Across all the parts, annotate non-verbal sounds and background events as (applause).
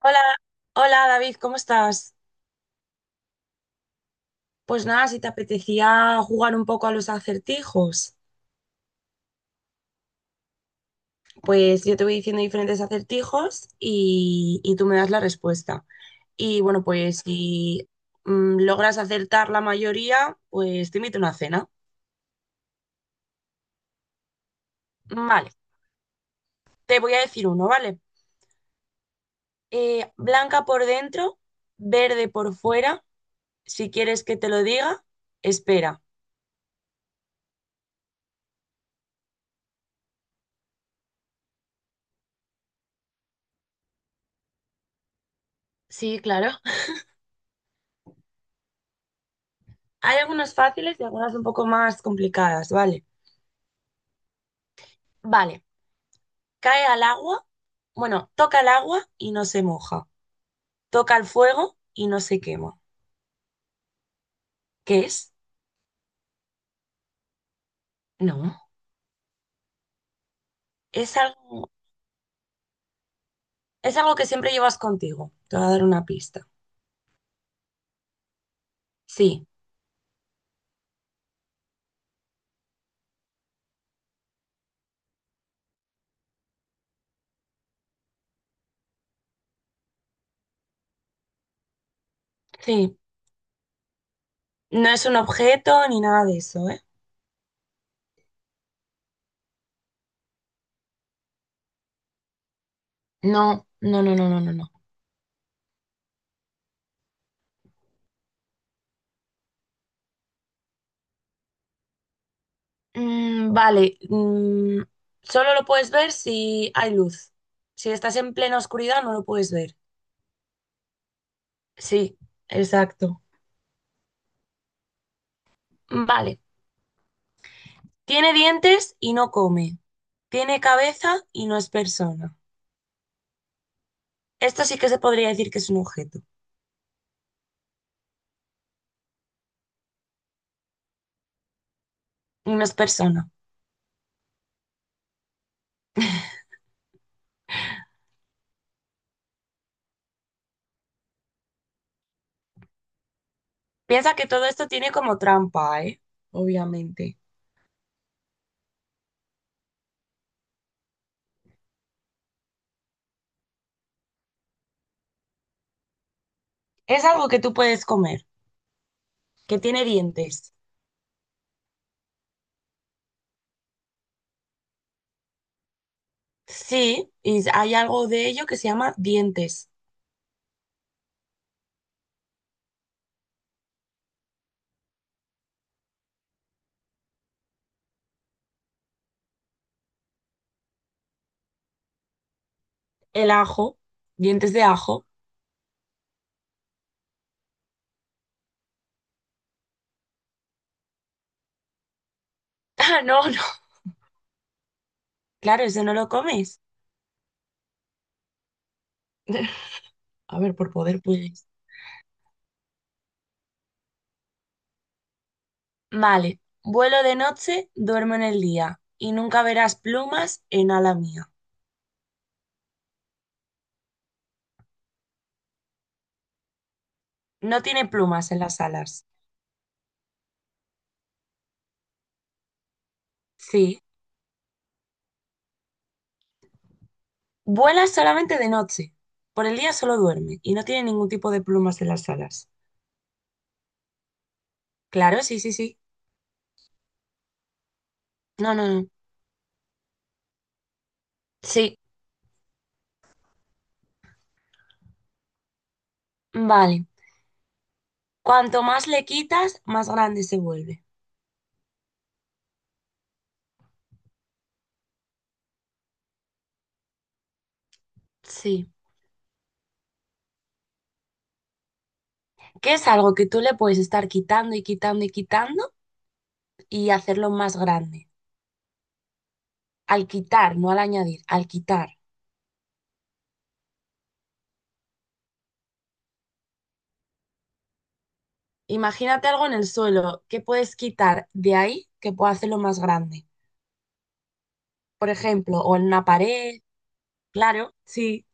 Hola, hola David, ¿cómo estás? Pues nada, si te apetecía jugar un poco a los acertijos, pues yo te voy diciendo diferentes acertijos y tú me das la respuesta. Y bueno, pues si logras acertar la mayoría, pues te invito a una cena. Vale, te voy a decir uno, ¿vale? Blanca por dentro, verde por fuera. Si quieres que te lo diga, espera. Sí, claro. (laughs) Hay algunas fáciles y algunas un poco más complicadas, ¿vale? Vale. Cae al agua, bueno, toca el agua y no se moja. Toca el fuego y no se quema. ¿Qué es? No. Es algo, es algo que siempre llevas contigo. Te voy a dar una pista. Sí, sí. No es un objeto ni nada de eso, ¿eh? No, no, no, no, no, no, no. Vale. Solo lo puedes ver si hay luz. Si estás en plena oscuridad, no lo puedes ver. Sí, exacto. Vale. Tiene dientes y no come. Tiene cabeza y no es persona. Esto sí que se podría decir que es un objeto y no es persona. Piensa que todo esto tiene como trampa, ¿eh? Obviamente. Es algo que tú puedes comer, que tiene dientes. Sí, y hay algo de ello que se llama dientes. El ajo, dientes de ajo. (laughs) Ah, no, no. Claro, eso no lo comes. (laughs) A ver, por poder puedes. Vale. Vuelo de noche, duermo en el día y nunca verás plumas en ala mía. No tiene plumas en las alas. Sí. Vuela solamente de noche. Por el día solo duerme y no tiene ningún tipo de plumas en las alas. Claro, sí, sí, sí. No, no, no. Sí. Vale. Cuanto más le quitas, más grande se vuelve. Sí. Que es algo que tú le puedes estar quitando y quitando y quitando y hacerlo más grande. Al quitar, no al añadir, al quitar. Imagínate algo en el suelo que puedes quitar de ahí que pueda hacerlo más grande. Por ejemplo, o en una pared. Claro, sí.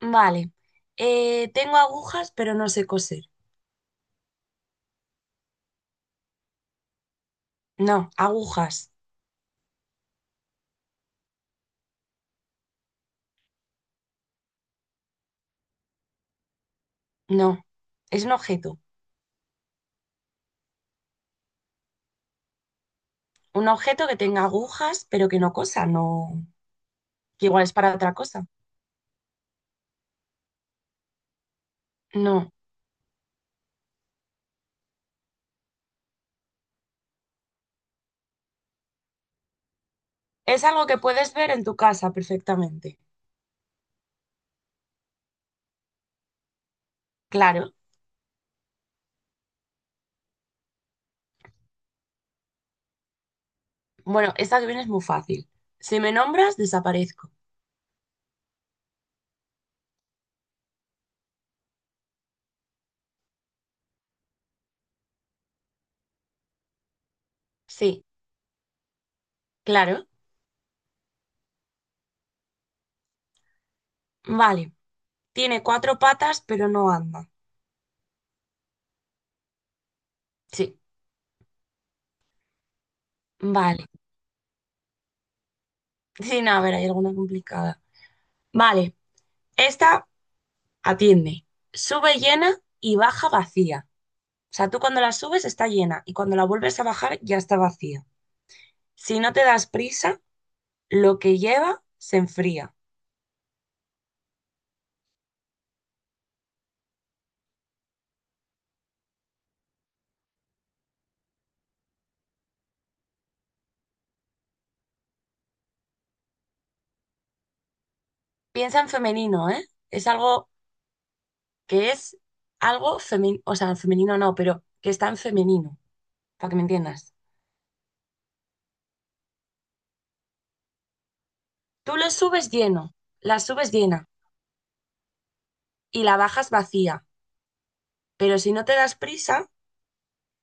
Vale. Tengo agujas, pero no sé coser. No, agujas. No. Es un objeto. Un objeto que tenga agujas, pero que no cosa, no. Que igual es para otra cosa. No. Es algo que puedes ver en tu casa perfectamente. Claro. Bueno, esta que viene es muy fácil. Si me nombras, desaparezco. Sí, claro. Vale. Tiene cuatro patas, pero no anda. Sí, vale. (laughs) Sí, no, a ver, hay alguna complicada. Vale. Esta. Atiende, sube llena y baja vacía. O sea, tú cuando la subes está llena y cuando la vuelves a bajar ya está vacía. Si no te das prisa, lo que lleva se enfría. Piensa en femenino, ¿eh? Es algo que es algo femenino, o sea, en femenino no, pero que está en femenino, para que me entiendas. Tú lo subes lleno, la subes llena y la bajas vacía, pero si no te das prisa,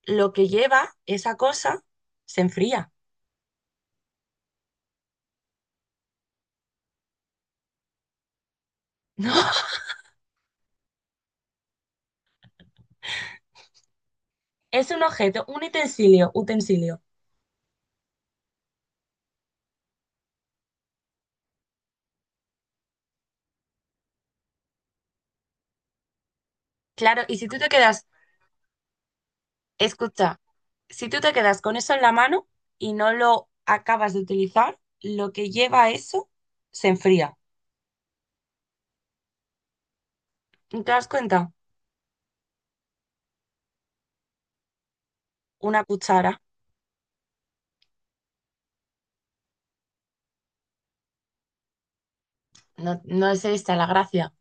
lo que lleva esa cosa se enfría. (laughs) No, es un objeto, un utensilio, utensilio. Claro, y si tú te quedas, escucha, si tú te quedas con eso en la mano y no lo acabas de utilizar, lo que lleva eso se enfría. ¿Te das cuenta? Una cuchara. No, no es esta la gracia.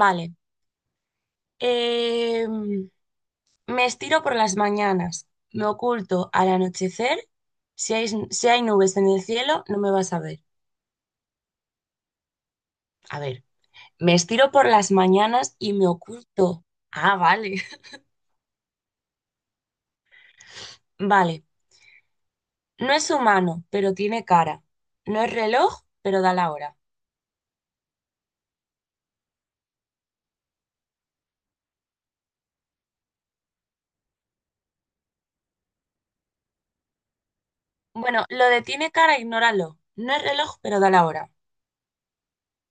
Vale. Em, me estiro por las mañanas, me oculto al anochecer. Si hay nubes en el cielo, no me vas a ver. A ver, me estiro por las mañanas y me oculto. Ah, vale. (laughs) Vale. No es humano, pero tiene cara. No es reloj, pero da la hora. Bueno, lo de tiene cara, ignóralo. No es reloj, pero da la hora.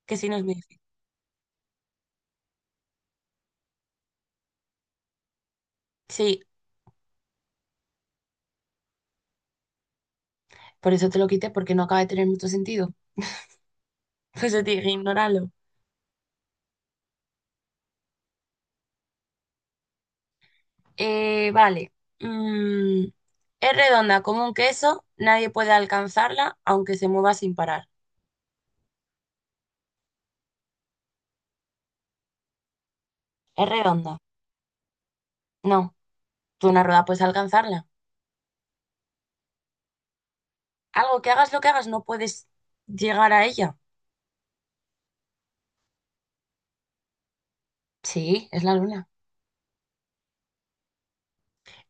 Que si no es muy difícil. Sí, por eso te lo quité, porque no acaba de tener mucho sentido. (laughs) Por eso te dije, ignóralo. Vale. Mm, es redonda como un queso, nadie puede alcanzarla, aunque se mueva sin parar. Es redonda. No, tú una rueda puedes alcanzarla. Algo que hagas lo que hagas, no puedes llegar a ella. Sí, es la luna.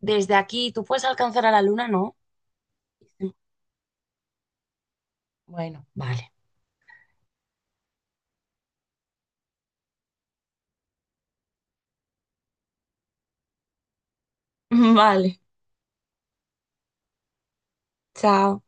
Desde aquí, tú puedes alcanzar a la luna, ¿no? Bueno, vale. (laughs) Vale, chao.